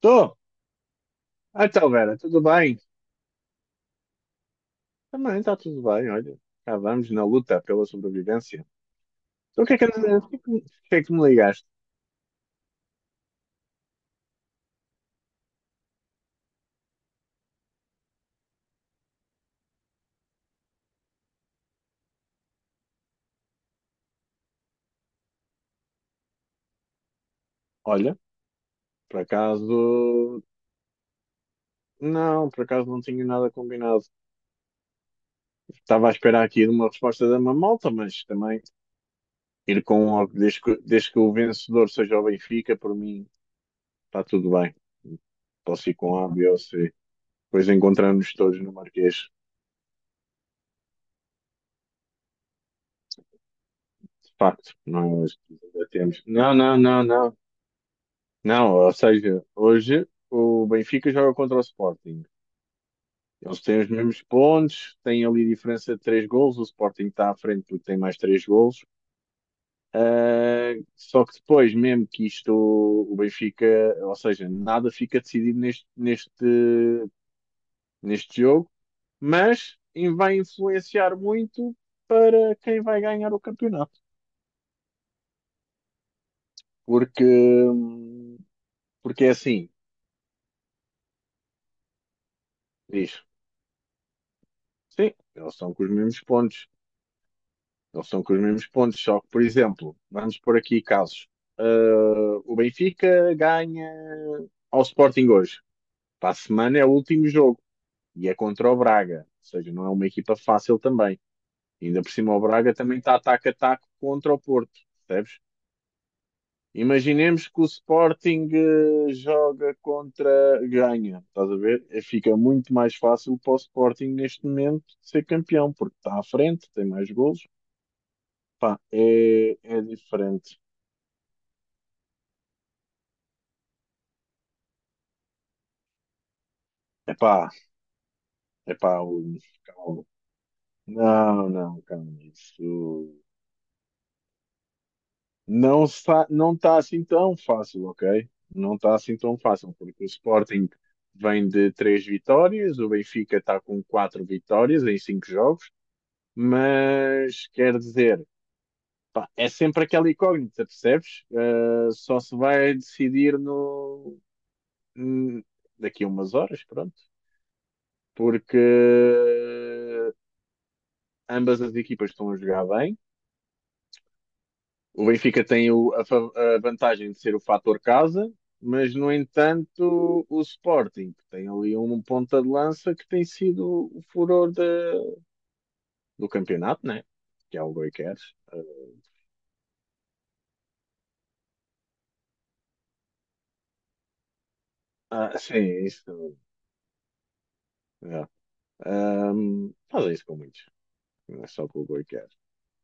Tô. Ah, então, Vera, tudo bem? Também está tudo bem, olha. Cá vamos na luta pela sobrevivência. Então, o que é que, o que é que- o que é que me ligaste? Olha, por acaso. Não, por acaso não tinha nada combinado. Estava a esperar aqui de uma resposta da Mamalta, mas também ir com. O- desde que o vencedor seja o Benfica, por mim está tudo bem. Posso ir com A, B ou C. Depois encontramos todos no Marquês. De facto, nós ainda temos. Não, não, não, não. Não, ou seja, hoje o Benfica joga contra o Sporting. Eles têm os mesmos pontos, têm ali diferença de três golos. O Sporting está à frente porque tem mais três golos. Ah, só que depois, mesmo que isto, o Benfica, ou seja, nada fica decidido neste jogo, mas vai influenciar muito para quem vai ganhar o campeonato. Porque, porque é assim, diz, sim, eles estão com os mesmos pontos. Eles estão com os mesmos pontos, só que, por exemplo, vamos por aqui casos. O Benfica ganha ao Sporting hoje. Para a semana é o último jogo e é contra o Braga. Ou seja, não é uma equipa fácil também. Ainda por cima, o Braga também está ataque a ataque contra o Porto, percebes? Imaginemos que o Sporting joga contra ganha, estás a ver? Fica muito mais fácil para o Sporting neste momento ser campeão, porque está à frente, tem mais golos. Pá, é diferente. Epá, epá, Luís, calma. Não, não, calma. Isso não está, não tá assim tão fácil, ok? Não está assim tão fácil, porque o Sporting vem de três vitórias, o Benfica está com quatro vitórias em cinco jogos, mas quer dizer, pá, é sempre aquela incógnita, percebes? Só se vai decidir no, hum, daqui a umas horas, pronto. Porque ambas as equipas estão a jogar bem. O Benfica tem a vantagem de ser o fator casa, mas no entanto o Sporting que tem ali um ponta de lança que tem sido o furor do campeonato, né? Que é o Goi. Ah, sim, isso. É. Fazem isso com muitos. Não é só com o Goi,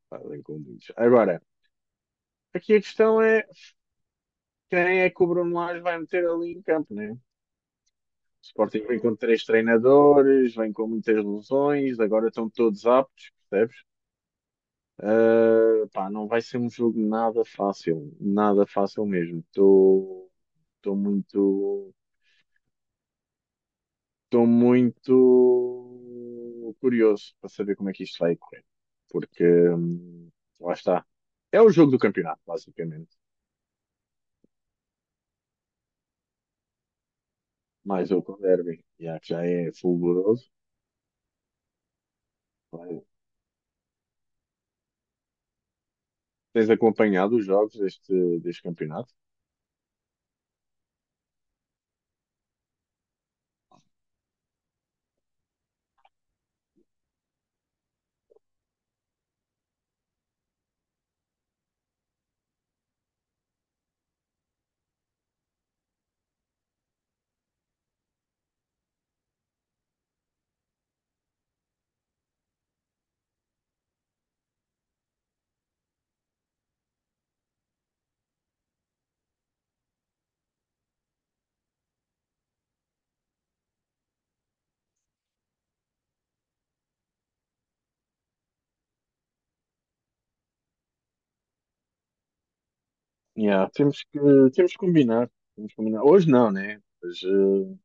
fazem com muitos. Agora, aqui a questão é quem é que o Bruno Lage vai meter ali em campo, né? O Sporting vem com três treinadores, vem com muitas lesões, agora estão todos aptos, percebes? Pá, não vai ser um jogo nada fácil, nada fácil mesmo. Muito, estou muito curioso para saber como é que isto vai correr, porque hum, lá está. É o jogo do campeonato, basicamente. Mais outro derby, já que já é fulguroso. Vai. Tens acompanhado os jogos deste campeonato? Yeah, temos que combinar. Temos que combinar. Hoje não, né? Mas,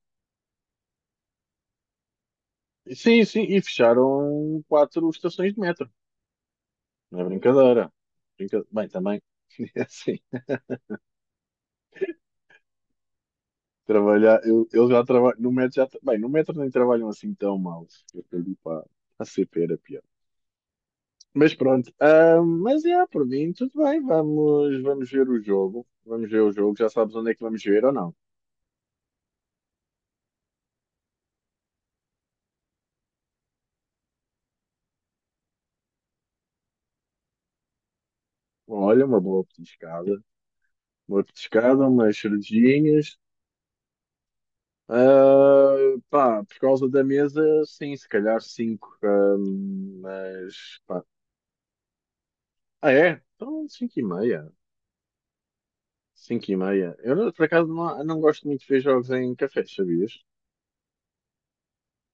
sim, sim, e fecharam quatro estações de metro. Não é brincadeira. Bem, também, é assim, trabalhar, eu já trabalho, no metro já, bem, no metro nem trabalham assim tão mal. Eu perdi para a CP era pior. Mas pronto, mas é, por mim, tudo bem, vamos ver o jogo. Vamos ver o jogo, já sabes onde é que vamos ver ou não. Olha, uma boa petiscada, uma petiscada, umas cervejinhas. Ah, pá, por causa da mesa, sim, se calhar 5. Mas, pá. Ah, é? Então, 5:30. Cinco e meia. Eu, não- por acaso, não gosto muito de ver jogos em cafés, sabias?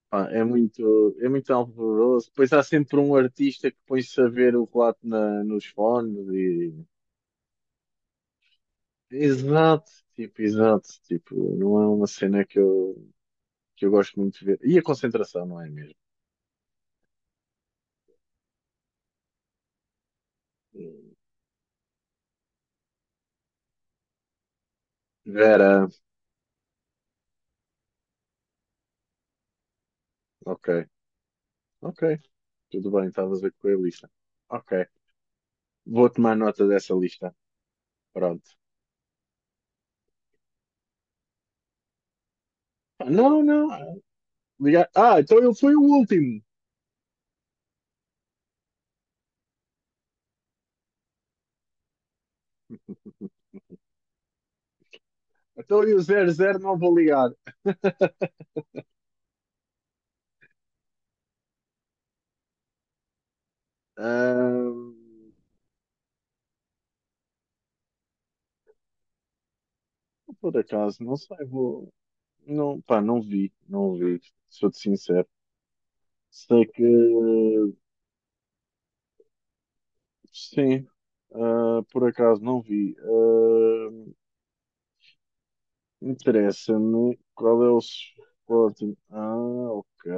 Pá, é muito alvoroço. Depois há sempre um artista que põe-se a ver o relato nos fones e... exato. Tipo, não é uma cena que que eu gosto muito de ver. E a concentração, não é mesmo? Vera, ok. Ok. Tudo bem, estavas a ver que foi a lista. Ok. Vou tomar nota dessa lista. Pronto. Ah, não, não. Ligar. Ah, então ele foi o último. Então eu zero zero não vou ligar. Ahm, por acaso, não sei, vou. Não, pá, não vi, não vi, sou-te sincero. Sei que, sim, por acaso não vi. Ah, interessa-me qual é o Sporting. Ah, ok.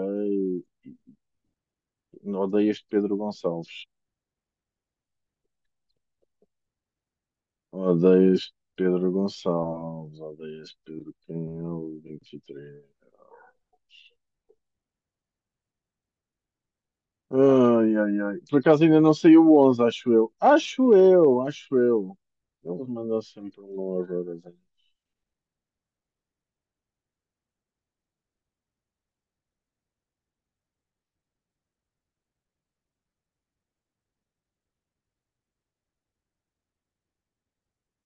Odeio este Pedro Gonçalves. Odeias Pedro Gonçalves, odeias Pedro Canhão, 23. Ai, ai, ai. Por acaso ainda não saiu o 11, acho eu. Acho eu, acho eu. Eles mandam sempre um agora. Zé.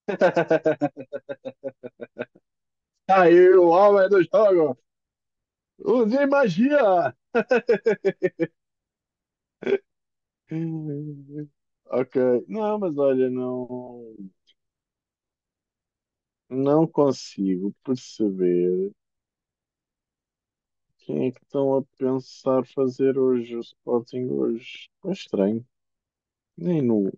Aí, o homem do jogo! Use magia! Ok. Não, mas olha, não, não consigo perceber quem é que estão a pensar fazer hoje o Sporting hoje. É estranho. Nem no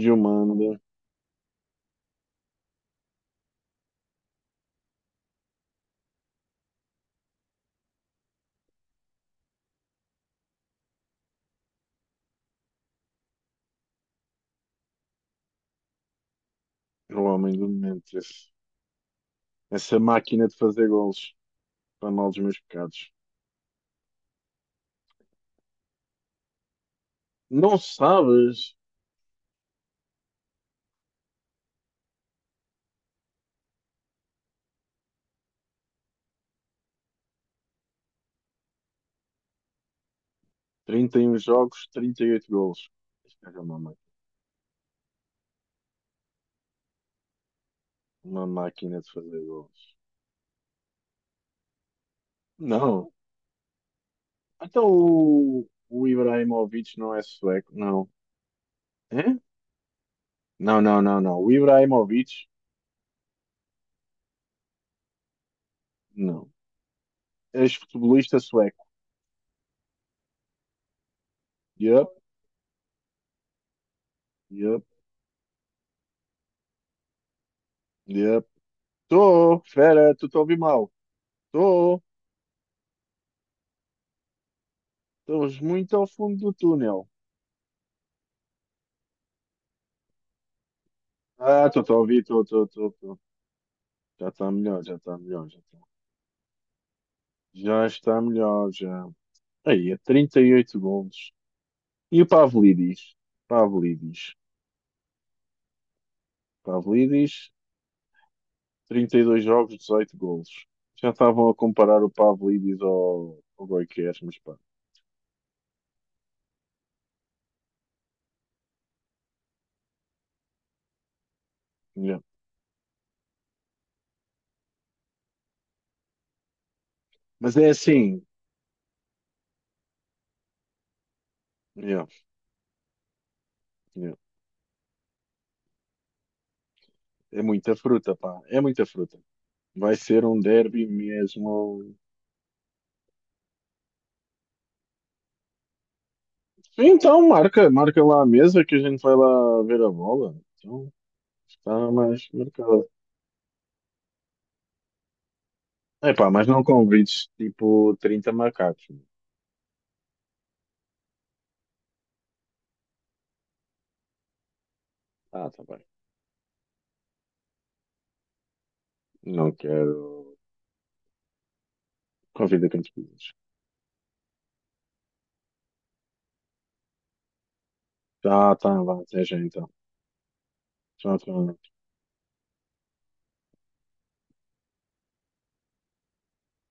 Gilmando, o homem do Memphis. Essa máquina de fazer gols para mal dos meus pecados. Não sabes? 31 jogos, 38 gols. Este gajo é uma máquina de fazer gols. Não. Então o Ibrahimovic não é sueco? Não. É? Não, não, não, não. O Ibrahimovic? Não. Ex-futebolista sueco. Yup, yup, yup. Tô, fera, tu te ouvi mal. Tô. Estamos muito ao fundo do túnel. Ah, estou a ouvir, estou, estou, estou. Estou. Já está melhor, já está melhor, já está. Já está melhor, já. Aí, é 38 golos. E o Pavlidis? Pavlidis. Pavlidis, 32 jogos, 18 golos. Já estavam a comparar o Pavlidis ao Goiás, mas pá. Yeah. Mas é assim. Yeah, yeah. É muita fruta, pá. É muita fruta. Vai ser um derby mesmo. Então, marca lá a mesa que a gente vai lá ver a bola. Então, está mais marcada. Epá, mas não convides tipo 30 macacos. Ah, tá bem. Não quero. Convida quantos quiseres. Tá, tá, vá, até já então. Tchau, tchau.